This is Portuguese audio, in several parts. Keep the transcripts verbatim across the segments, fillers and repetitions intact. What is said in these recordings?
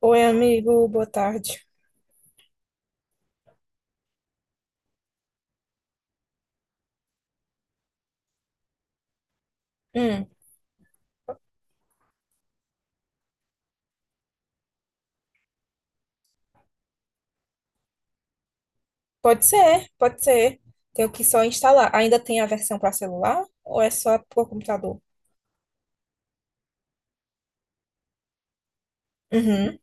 Oi, amigo, boa tarde. Hum, Pode ser, pode ser. Tenho que só instalar. Ainda tem a versão para celular ou é só por computador? Uhum,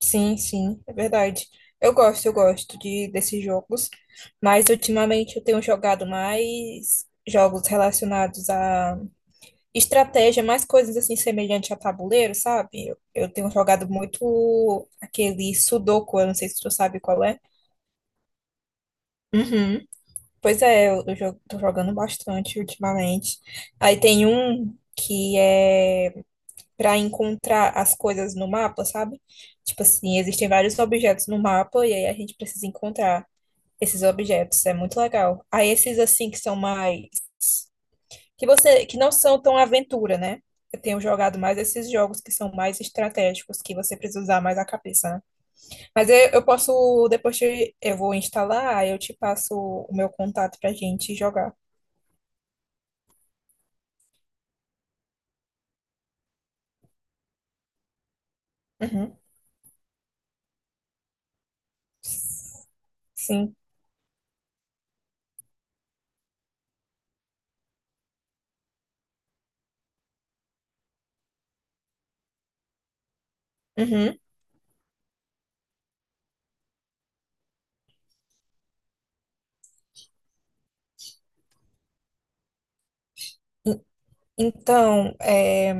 sim, sim, é verdade. Eu gosto, eu gosto de desses jogos, mas ultimamente eu tenho jogado mais jogos relacionados a estratégia, mais coisas assim semelhantes a tabuleiro, sabe? Eu, eu tenho jogado muito aquele Sudoku, eu não sei se tu sabe qual é. Uhum. Pois é, eu, eu jo- tô jogando bastante ultimamente. Aí tem um que é para encontrar as coisas no mapa, sabe? Tipo assim, existem vários objetos no mapa e aí a gente precisa encontrar esses objetos. É muito legal. Aí esses assim que são mais, que você, que não são tão aventura, né? Eu tenho jogado mais esses jogos que são mais estratégicos, que você precisa usar mais a cabeça, né? Mas eu, eu posso, depois te- eu vou instalar, aí eu te passo o meu contato pra gente jogar. Uhum. Sim. Uhum. E- Então, é,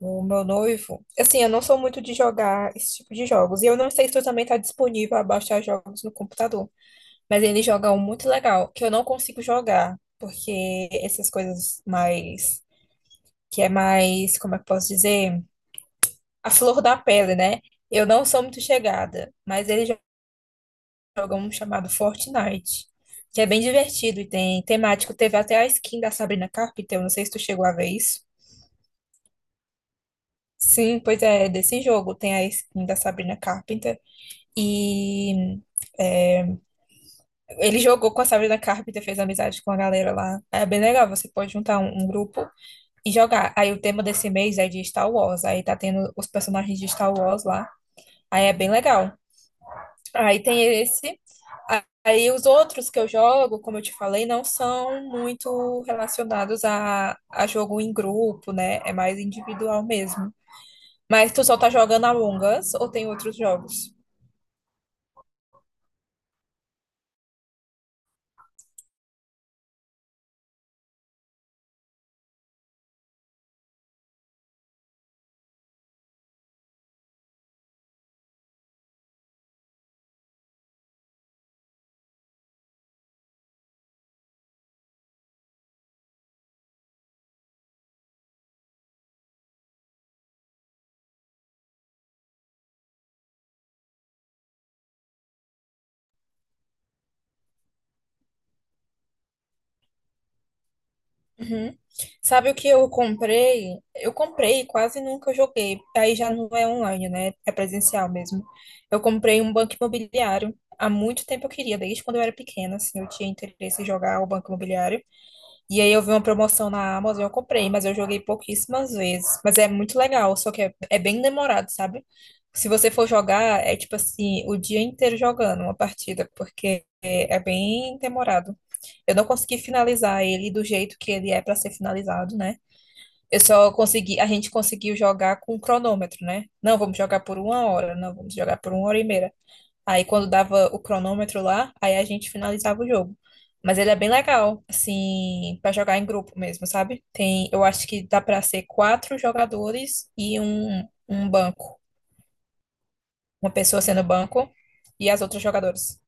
o meu noivo, assim, eu não sou muito de jogar esse tipo de jogos. E eu não sei se tu também tá disponível a baixar jogos no computador. Mas ele joga um muito legal, que eu não consigo jogar, porque essas coisas mais, que é mais, como é que eu posso dizer? A flor da pele, né? Eu não sou muito chegada, mas ele jo- joga um chamado Fortnite, que é bem divertido e tem temático. Teve até a skin da Sabrina Carpenter, eu não sei se tu chegou a ver isso. Sim, pois é, desse jogo tem a skin da Sabrina Carpenter e, é, ele jogou com a Sabrina Carpenter, fez amizade com a galera lá. É bem legal, você pode juntar um, um grupo e jogar. Aí o tema desse mês é de Star Wars, aí tá tendo os personagens de Star Wars lá, aí é bem legal. Aí tem esse, a- aí os outros que eu jogo, como eu te falei, não são muito relacionados a, a jogo em grupo, né? É mais individual mesmo. Mas tu só tá jogando Among Us ou tem outros jogos? Uhum. Sabe o que eu comprei? Eu comprei, quase nunca joguei. Aí já não é online, né? É presencial mesmo. Eu comprei um banco imobiliário. Há muito tempo eu queria, desde quando eu era pequena, assim, eu tinha interesse em jogar o banco imobiliário. E aí eu vi uma promoção na Amazon, eu comprei, mas eu joguei pouquíssimas vezes. Mas é muito legal, só que é, é bem demorado, sabe? Se você for jogar, é tipo assim, o dia inteiro jogando uma partida, porque é, é bem demorado. Eu não consegui finalizar ele do jeito que ele é para ser finalizado, né? Eu só consegui, a gente conseguiu jogar com cronômetro, né? Não, vamos jogar por uma hora, não, vamos jogar por uma hora e meia. Aí quando dava o cronômetro lá, aí a gente finalizava o jogo. Mas ele é bem legal, assim, pra jogar em grupo mesmo, sabe? Tem, eu acho que dá pra ser quatro jogadores e um, um banco. Uma pessoa sendo banco e as outras jogadoras.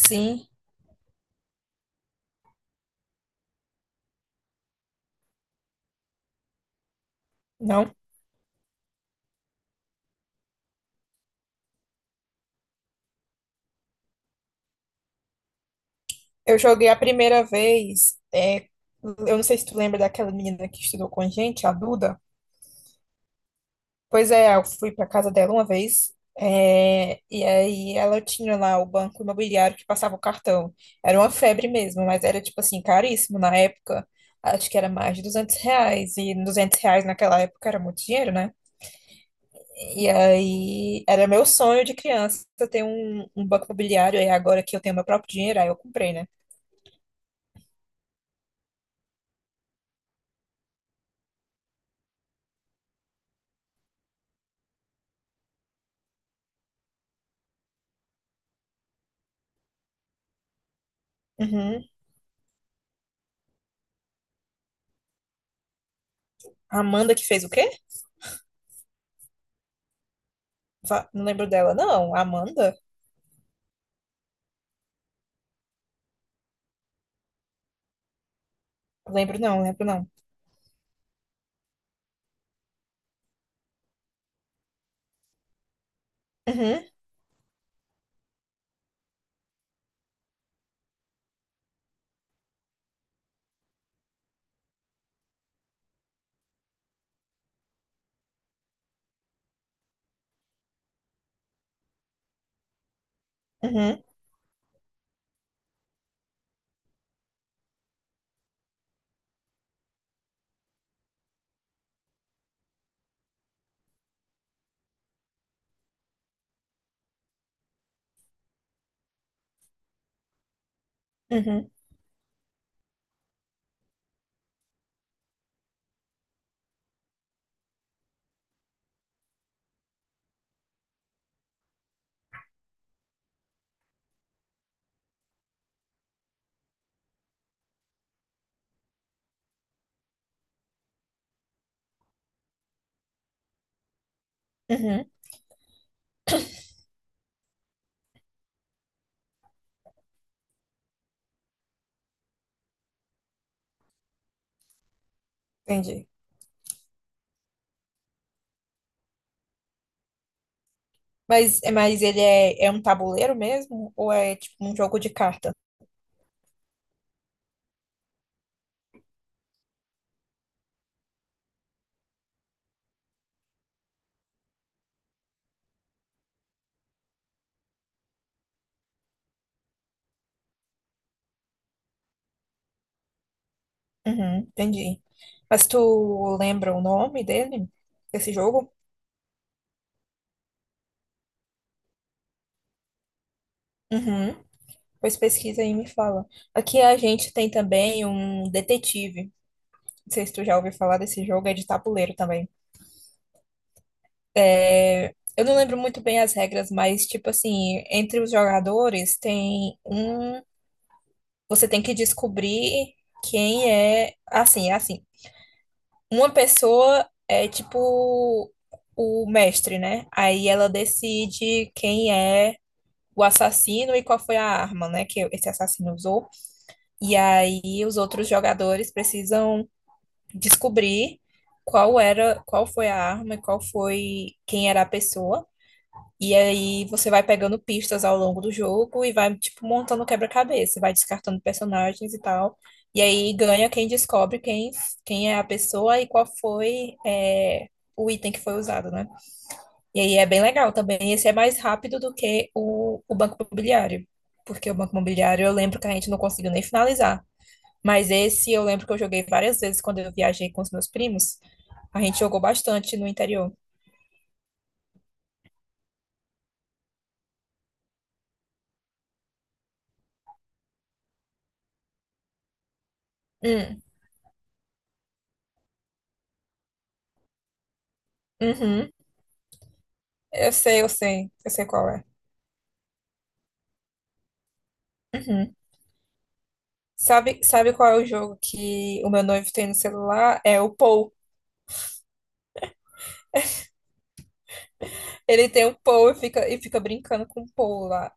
Sim, não. Eu joguei a primeira vez, é, eu não sei se tu lembra daquela menina que estudou com a gente, a Duda. Pois é, eu fui para casa dela uma vez, é, e aí ela tinha lá o banco imobiliário que passava o cartão. Era uma febre mesmo, mas era tipo assim, caríssimo na época. Acho que era mais de duzentos reais, e duzentos reais naquela época era muito dinheiro, né? E aí era meu sonho de criança ter um, um banco imobiliário, e agora que eu tenho meu próprio dinheiro, aí eu comprei, né? Uhum. A Amanda que fez o quê? Va- Não lembro dela. Não, a Amanda? Lembro não, lembro não. Uhum, uhum, uhum, uhum. Entendi. Mas, mas ele é, é um tabuleiro mesmo? Ou é tipo um jogo de carta? Uhum, entendi. Mas tu lembra o nome dele? Desse jogo? Uhum. Pois pesquisa aí e me fala. Aqui a gente tem também um detetive. Não sei se tu já ouviu falar desse jogo, é de tabuleiro também. É, eu não lembro muito bem as regras, mas tipo assim, entre os jogadores tem um. Você tem que descobrir quem é. Assim, é assim. Uma pessoa é tipo o mestre, né? Aí ela decide quem é o assassino e qual foi a arma, né, que esse assassino usou. E aí os outros jogadores precisam descobrir qual era, qual foi a arma e qual foi, quem era a pessoa. E aí você vai pegando pistas ao longo do jogo e vai tipo montando quebra-cabeça, vai descartando personagens e tal. E aí ganha quem descobre quem, quem é a pessoa e qual foi, é, o item que foi usado, né? E aí é bem legal também. Esse é mais rápido do que o, o Banco Imobiliário. Porque o Banco Imobiliário eu lembro que a gente não conseguiu nem finalizar. Mas esse eu lembro que eu joguei várias vezes quando eu viajei com os meus primos. A gente jogou bastante no interior. Hum, uhum. Eu sei, eu sei, eu sei qual é. Uhum. Sabe, sabe qual é o jogo que o meu noivo tem no celular? É o Pou. Ele tem o Pou e fica, e fica brincando com o Pou lá.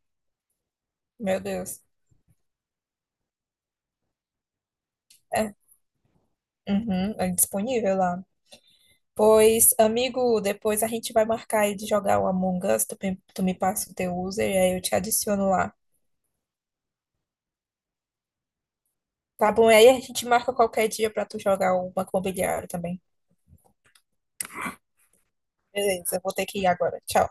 Meu Deus. É, uhum, é disponível lá. Pois, amigo, depois a gente vai marcar aí de jogar o Among Us, tu, pe- tu me passa o teu user e aí eu te adiciono lá. Tá bom, e aí a gente marca qualquer dia pra tu jogar o Banco Imobiliário também. Beleza, eu vou ter que ir agora. Tchau.